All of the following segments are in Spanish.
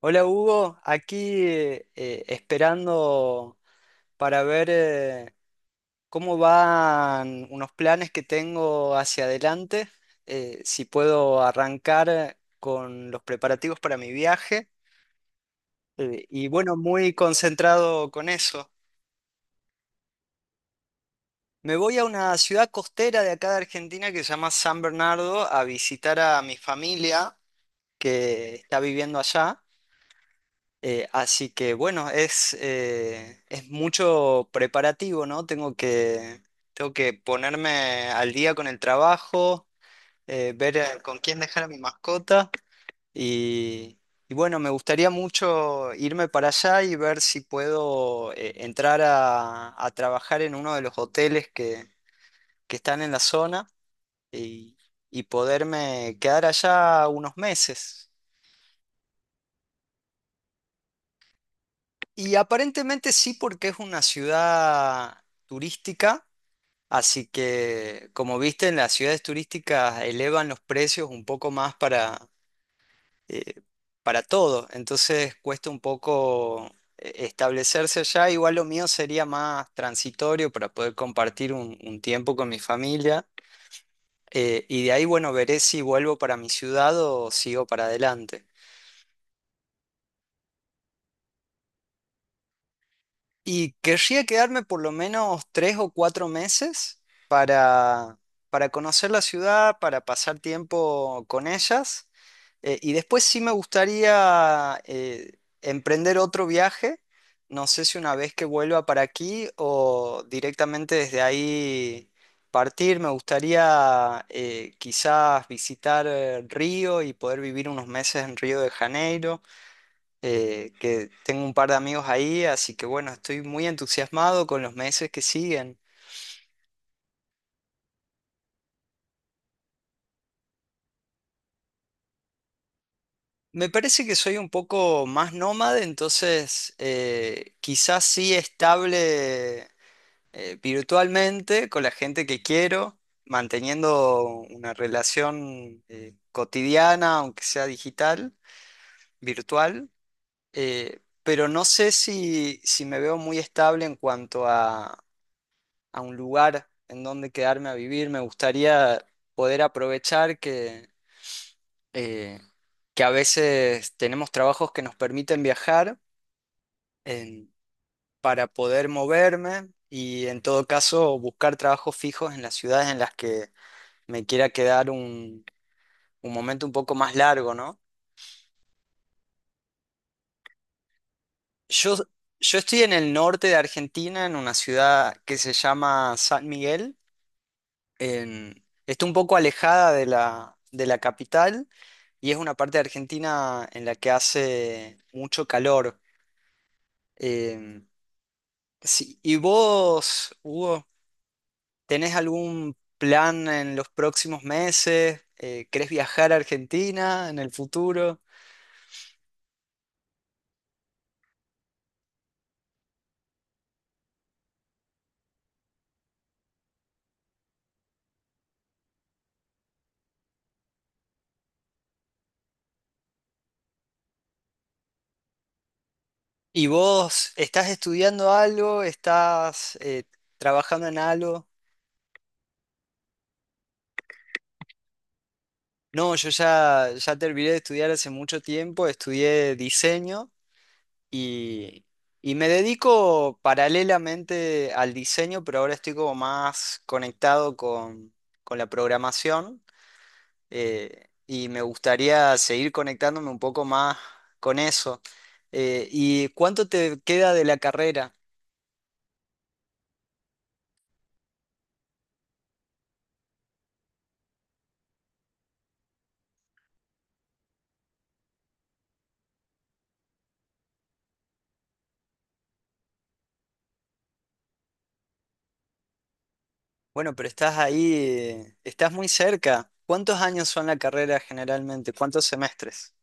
Hola Hugo, aquí esperando para ver, cómo van unos planes que tengo hacia adelante, si puedo arrancar con los preparativos para mi viaje. Bueno, muy concentrado con eso. Me voy a una ciudad costera de acá de Argentina que se llama San Bernardo a visitar a mi familia que está viviendo allá. Así que bueno, es mucho preparativo, ¿no? Tengo que ponerme al día con el trabajo, ver, con quién dejar a mi mascota y, y bueno, me gustaría mucho irme para allá y ver si puedo, entrar a trabajar en uno de los hoteles que están en la zona y, y poderme quedar allá unos meses. Y aparentemente sí, porque es una ciudad turística, así que como viste, en las ciudades turísticas elevan los precios un poco más eh, para todo, entonces cuesta un poco, establecerse allá. Igual lo mío sería más transitorio para poder compartir un tiempo con mi familia, y de ahí, bueno, veré si vuelvo para mi ciudad o sigo para adelante. Y querría quedarme por lo menos tres o cuatro meses para, para conocer la ciudad, para pasar tiempo con ellas. Y después sí me gustaría, emprender otro viaje. No sé si una vez que vuelva para aquí o directamente desde ahí partir. Me gustaría, quizás visitar, Río, y poder vivir unos meses en Río de Janeiro, que tengo un par de amigos ahí, así que bueno, estoy muy entusiasmado con los meses que siguen. Me parece que soy un poco más nómade, entonces, quizás sí estable, virtualmente con la gente que quiero, manteniendo una relación, cotidiana, aunque sea digital, virtual, pero no sé si me veo muy estable en cuanto a un lugar en donde quedarme a vivir. Me gustaría poder aprovechar eh, que a veces tenemos trabajos que nos permiten viajar en- para poder moverme y en todo caso buscar trabajos fijos en las ciudades en las que me quiera quedar un momento un poco más largo, ¿no? Yo, yo estoy en el norte de Argentina, en una ciudad que se llama San Miguel. Está un poco alejada de la capital y es una parte de Argentina en la que hace mucho calor. Eh, sí, ¿y vos, Hugo, tenés algún plan en los próximos meses? ¿Querés viajar a Argentina en el futuro? ¿Y vos estás estudiando algo? ¿Estás, trabajando en algo? No, ya terminé de estudiar hace mucho tiempo, estudié diseño Y, y me dedico paralelamente al diseño, pero ahora estoy como más conectado con la programación, y me gustaría seguir conectándome un poco más con eso. ¿Y cuánto te queda de la carrera? Bueno, pero estás ahí, estás muy cerca. ¿Cuántos años son la carrera generalmente? ¿Cuántos semestres?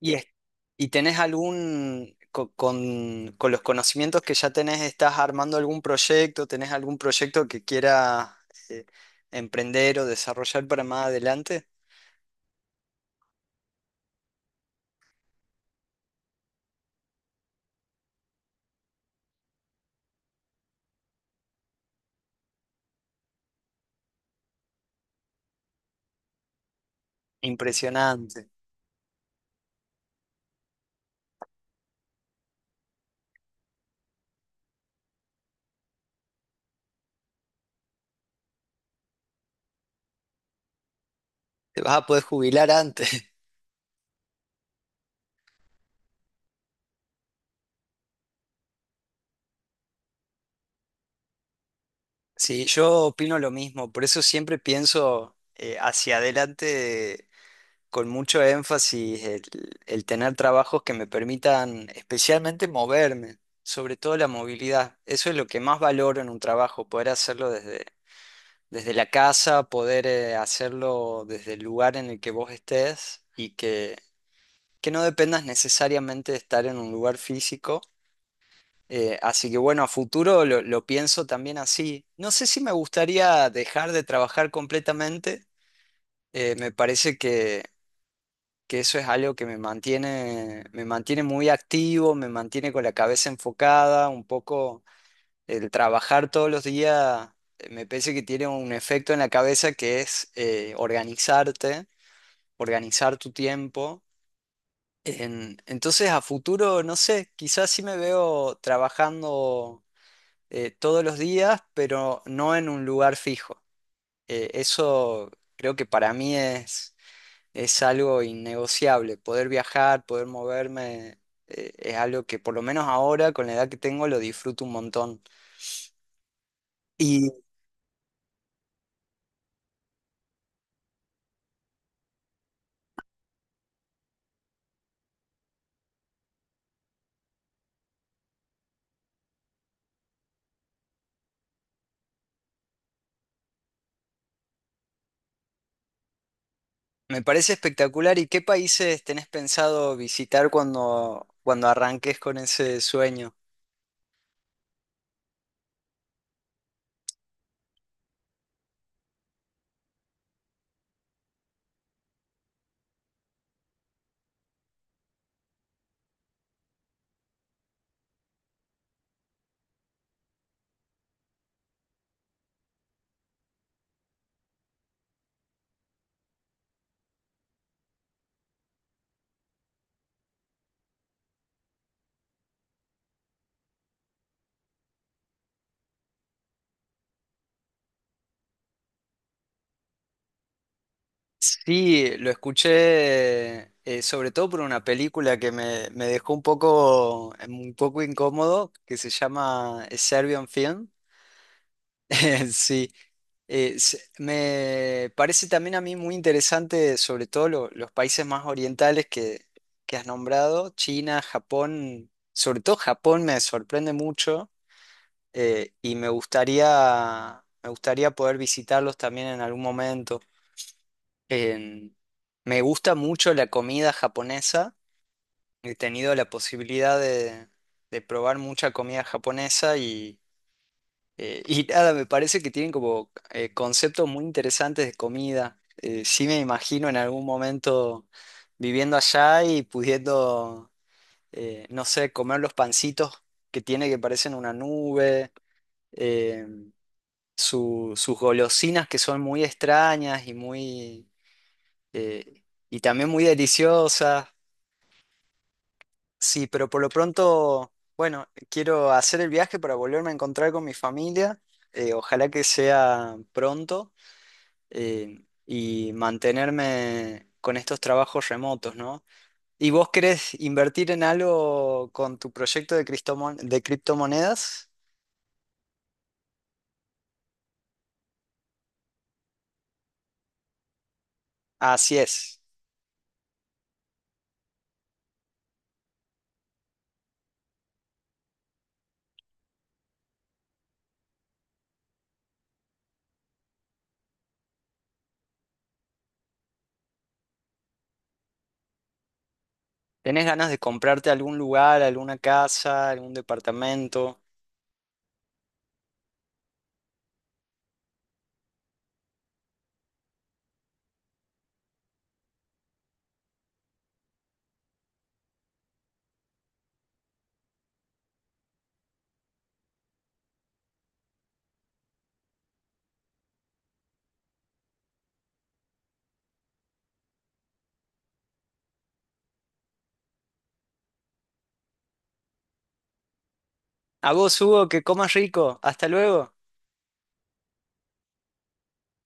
¿Y, y tenés algún, con los conocimientos que ya tenés, estás armando algún proyecto, tenés algún proyecto que quieras, eh, emprender o desarrollar para más adelante? Impresionante. Te vas a poder jubilar antes. Sí, yo opino lo mismo, por eso siempre pienso, hacia adelante con mucho énfasis el tener trabajos que me permitan especialmente moverme, sobre todo la movilidad. Eso es lo que más valoro en un trabajo, poder hacerlo desde, desde la casa, poder, hacerlo desde el lugar en el que vos estés y que no dependas necesariamente de estar en un lugar físico. Así que bueno, a futuro lo pienso también así. No sé si me gustaría dejar de trabajar completamente. Me parece que eso es algo que me mantiene muy activo, me mantiene con la cabeza enfocada, un poco el trabajar todos los días, me parece que tiene un efecto en la cabeza que es, organizarte, organizar tu tiempo. Entonces a futuro, no sé, quizás sí me veo trabajando, todos los días, pero no en un lugar fijo. Eso creo que para mí es algo innegociable. Poder viajar, poder moverme, es algo que por lo menos ahora, con la edad que tengo, lo disfruto un montón. Y me parece espectacular. ¿Y qué países tenés pensado visitar cuando, cuando arranques con ese sueño? Sí, lo escuché, sobre todo por una película que me dejó un poco incómodo, que se llama Serbian Film. Sí, eh, me parece también a mí muy interesante, sobre todo los países más orientales que has nombrado, China, Japón, sobre todo Japón me sorprende mucho, y me gustaría poder visitarlos también en algún momento. En- Me gusta mucho la comida japonesa, he tenido la posibilidad de probar mucha comida japonesa, y nada, me parece que tienen como, conceptos muy interesantes de comida. Sí me imagino en algún momento viviendo allá y pudiendo, no sé, comer los pancitos que tiene que parecen una nube, eh, sus golosinas que son muy extrañas y muy, eh, y también muy deliciosas. Sí, pero por lo pronto, bueno, quiero hacer el viaje para volverme a encontrar con mi familia. Ojalá que sea pronto. Eh, y mantenerme con estos trabajos remotos, ¿no? ¿Y vos querés invertir en algo con tu proyecto de, de criptomonedas? Así es. ¿Tenés ganas de comprarte algún lugar, alguna casa, algún departamento? A vos, Hugo, que comas rico. Hasta luego.